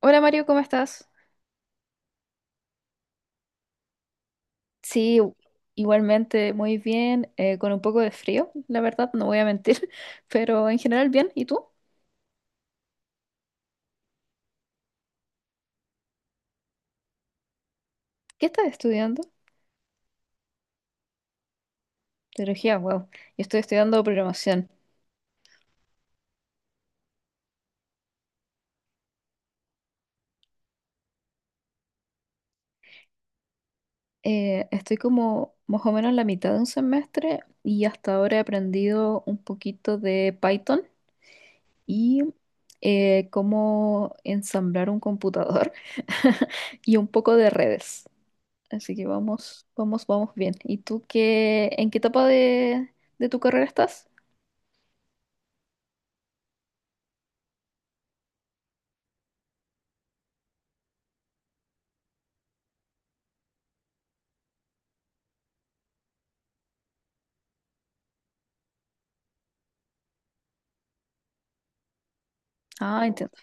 Hola Mario, ¿cómo estás? Sí, u- Igualmente muy bien, con un poco de frío, la verdad, no voy a mentir, pero en general bien. ¿Y tú? ¿Qué estás estudiando? Teología, wow. Yo estoy estudiando programación. Estoy como más o menos en la mitad de un semestre y hasta ahora he aprendido un poquito de Python y cómo ensamblar un computador y un poco de redes. Así que vamos, vamos, vamos bien. ¿Y tú qué, en qué etapa de tu carrera estás? Ah, entiendo.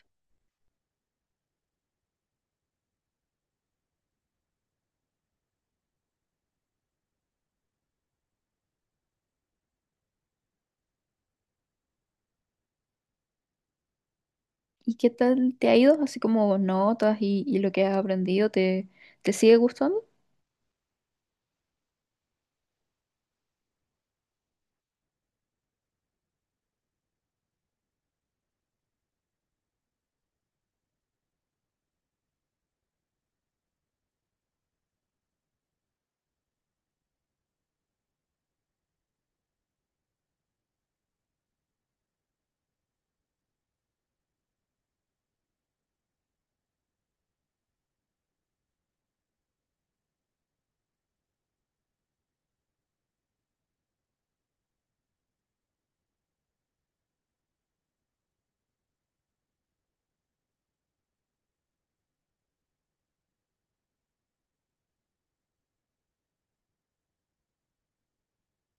¿Y qué tal te ha ido? Así como notas y lo que has aprendido, te sigue gustando?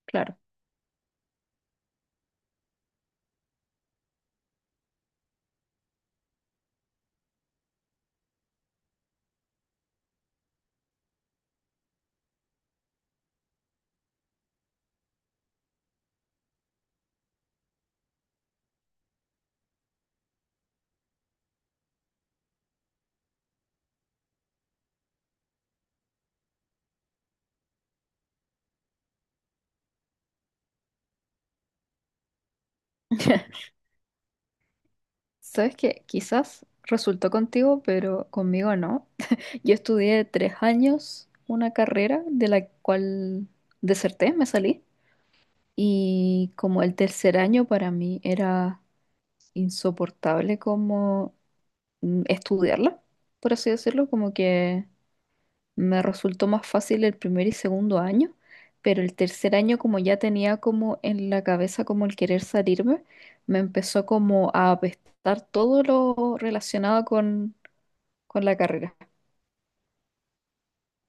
Claro. Sabes que quizás resultó contigo, pero conmigo no. Yo estudié tres años una carrera de la cual deserté, me salí. Y como el tercer año para mí era insoportable como estudiarla, por así decirlo, como que me resultó más fácil el primer y segundo año, pero el tercer año como ya tenía como en la cabeza como el querer salirme, me empezó como a apestar todo lo relacionado con la carrera.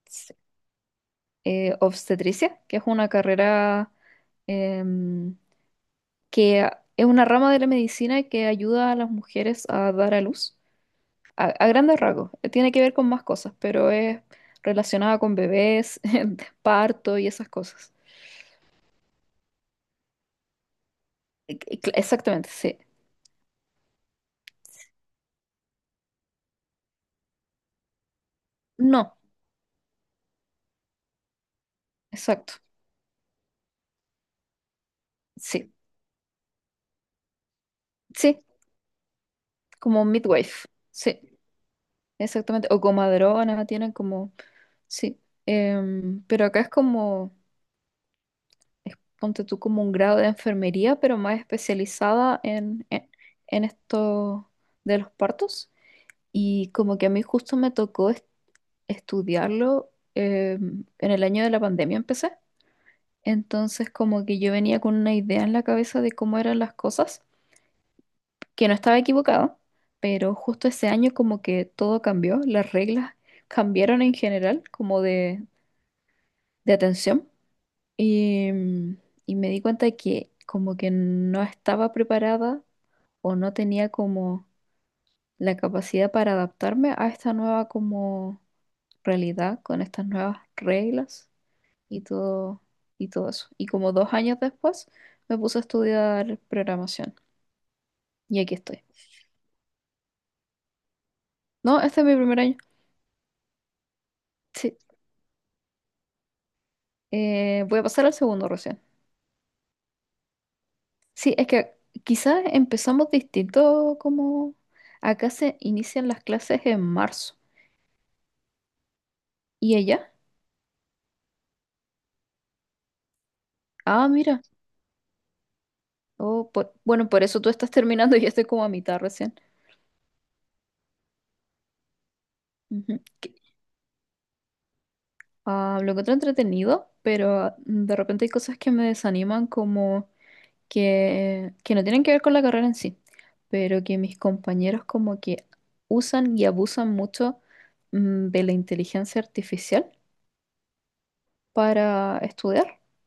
Sí. Obstetricia, que es una carrera em, es una rama de la medicina que ayuda a las mujeres a dar a luz a grandes rasgos, tiene que ver con más cosas, pero es relacionada con bebés, parto y esas cosas. Exactamente, sí. No, exacto. Sí, sí, como midwife. Sí, exactamente. O comadrona, tienen como, sí. Pero acá es como, ponte tú como un grado de enfermería, pero más especializada en esto de los partos. Y como que a mí justo me tocó estudiarlo en el año de la pandemia empecé. Entonces como que yo venía con una idea en la cabeza de cómo eran las cosas, que no estaba equivocado, pero justo ese año como que todo cambió, las reglas cambiaron en general como de atención y, y me di cuenta de que como que no estaba preparada o no tenía como la capacidad para adaptarme a esta nueva como realidad con estas nuevas reglas. y todo, y todo eso. Y como dos años después me puse a estudiar programación y aquí estoy. No, este es mi primer año. Sí, voy a pasar al segundo recién. Sí, es que quizás empezamos distinto como acá se inician las clases en marzo y allá. Ah, mira. Bueno, por eso tú estás terminando y yo estoy como a mitad recién. Ujú. Ah, lo encuentro entretenido, pero de repente hay cosas que me desaniman como que no tienen que ver con la carrera en sí, pero que mis compañeros como que usan y abusan mucho de la inteligencia artificial para estudiar. O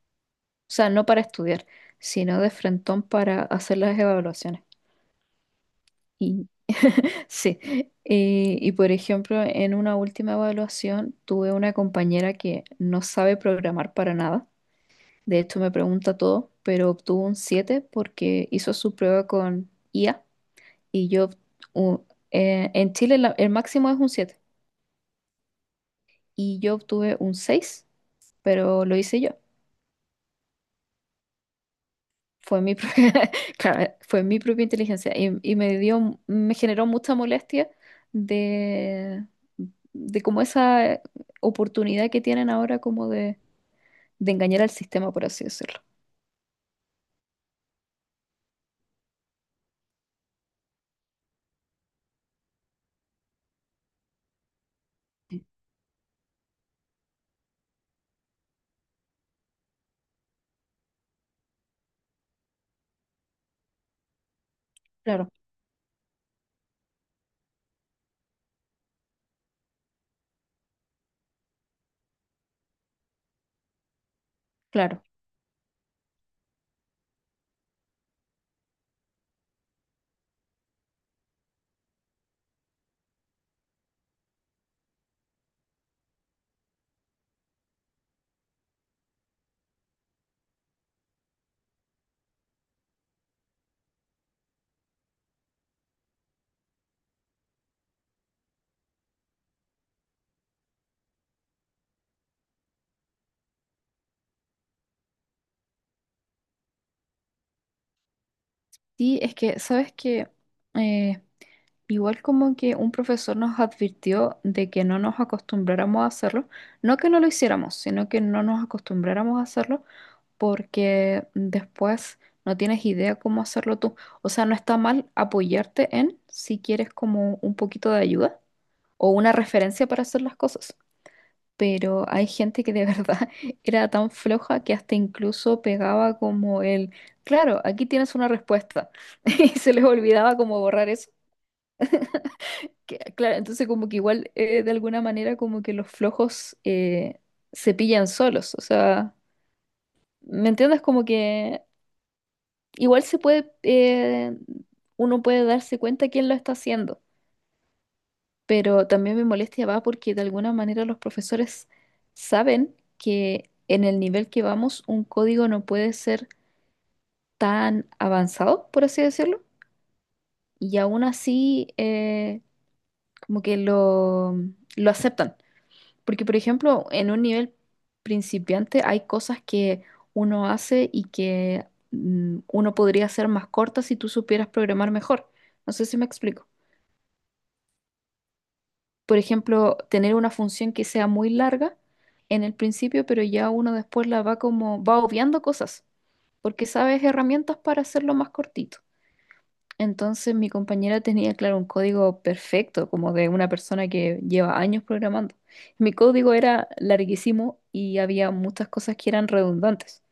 sea, no para estudiar, sino de frentón para hacer las evaluaciones. Y sí, y por ejemplo, en una última evaluación tuve una compañera que no sabe programar para nada. De hecho, me pregunta todo, pero obtuvo un 7 porque hizo su prueba con IA y u- en Chile el máximo es un 7 y yo obtuve un seis, pero lo hice yo. Fue mi propia, claro, fue mi propia inteligencia y me dio, me generó mucha molestia de, de como esa oportunidad que tienen ahora como de engañar al sistema, por así decirlo. Claro, claro. Sí, es que, ¿sabes que igual como que un profesor nos advirtió de que no nos acostumbráramos a hacerlo, no que no lo hiciéramos, sino que no nos acostumbráramos a hacerlo porque después no tienes idea cómo hacerlo tú? O sea, no está mal apoyarte en si quieres como un poquito de ayuda o una referencia para hacer las cosas, pero hay gente que de verdad era tan floja que hasta incluso pegaba como el, claro, aquí tienes una respuesta y se les olvidaba como borrar eso. Claro, entonces como que igual de alguna manera como que los flojos se pillan solos, o sea, ¿me entiendes? Como que igual se puede, uno puede darse cuenta quién lo está haciendo, pero también me molestia va porque de alguna manera los profesores saben que en el nivel que vamos un código no puede ser tan avanzado, por así decirlo, y aún así como que lo aceptan. Porque, por ejemplo, en un nivel principiante hay cosas que uno hace y que uno podría hacer más cortas si tú supieras programar mejor. No sé si me explico. Por ejemplo, tener una función que sea muy larga en el principio, pero ya uno después la va como, va obviando cosas, porque sabes herramientas para hacerlo más cortito. Entonces mi compañera tenía, claro, un código perfecto, como de una persona que lleva años programando. Mi código era larguísimo y había muchas cosas que eran redundantes.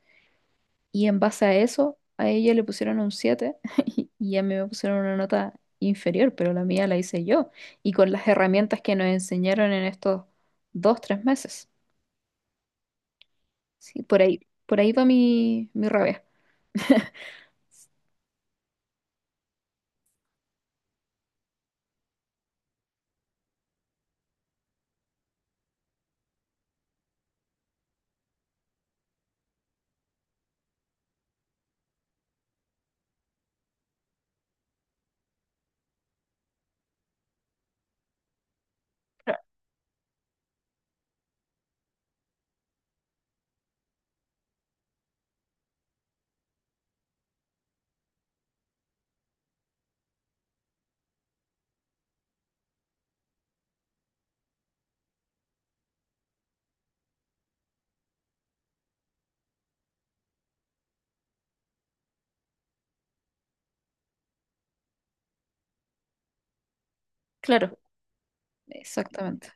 Y en base a eso, a ella le pusieron un 7 y a mí me pusieron una nota inferior, pero la mía la hice yo y con las herramientas que nos enseñaron en estos dos, tres meses. Sí, por ahí va mi rabia. Claro, exactamente.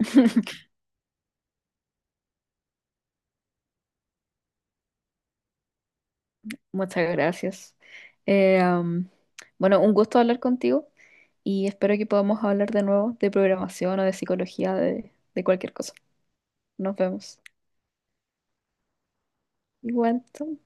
Muchas gracias. Eh, am, bueno, un gusto hablar contigo y espero que podamos hablar de nuevo de programación o de psicología, de cualquier cosa. Nos vemos. Igual, chao.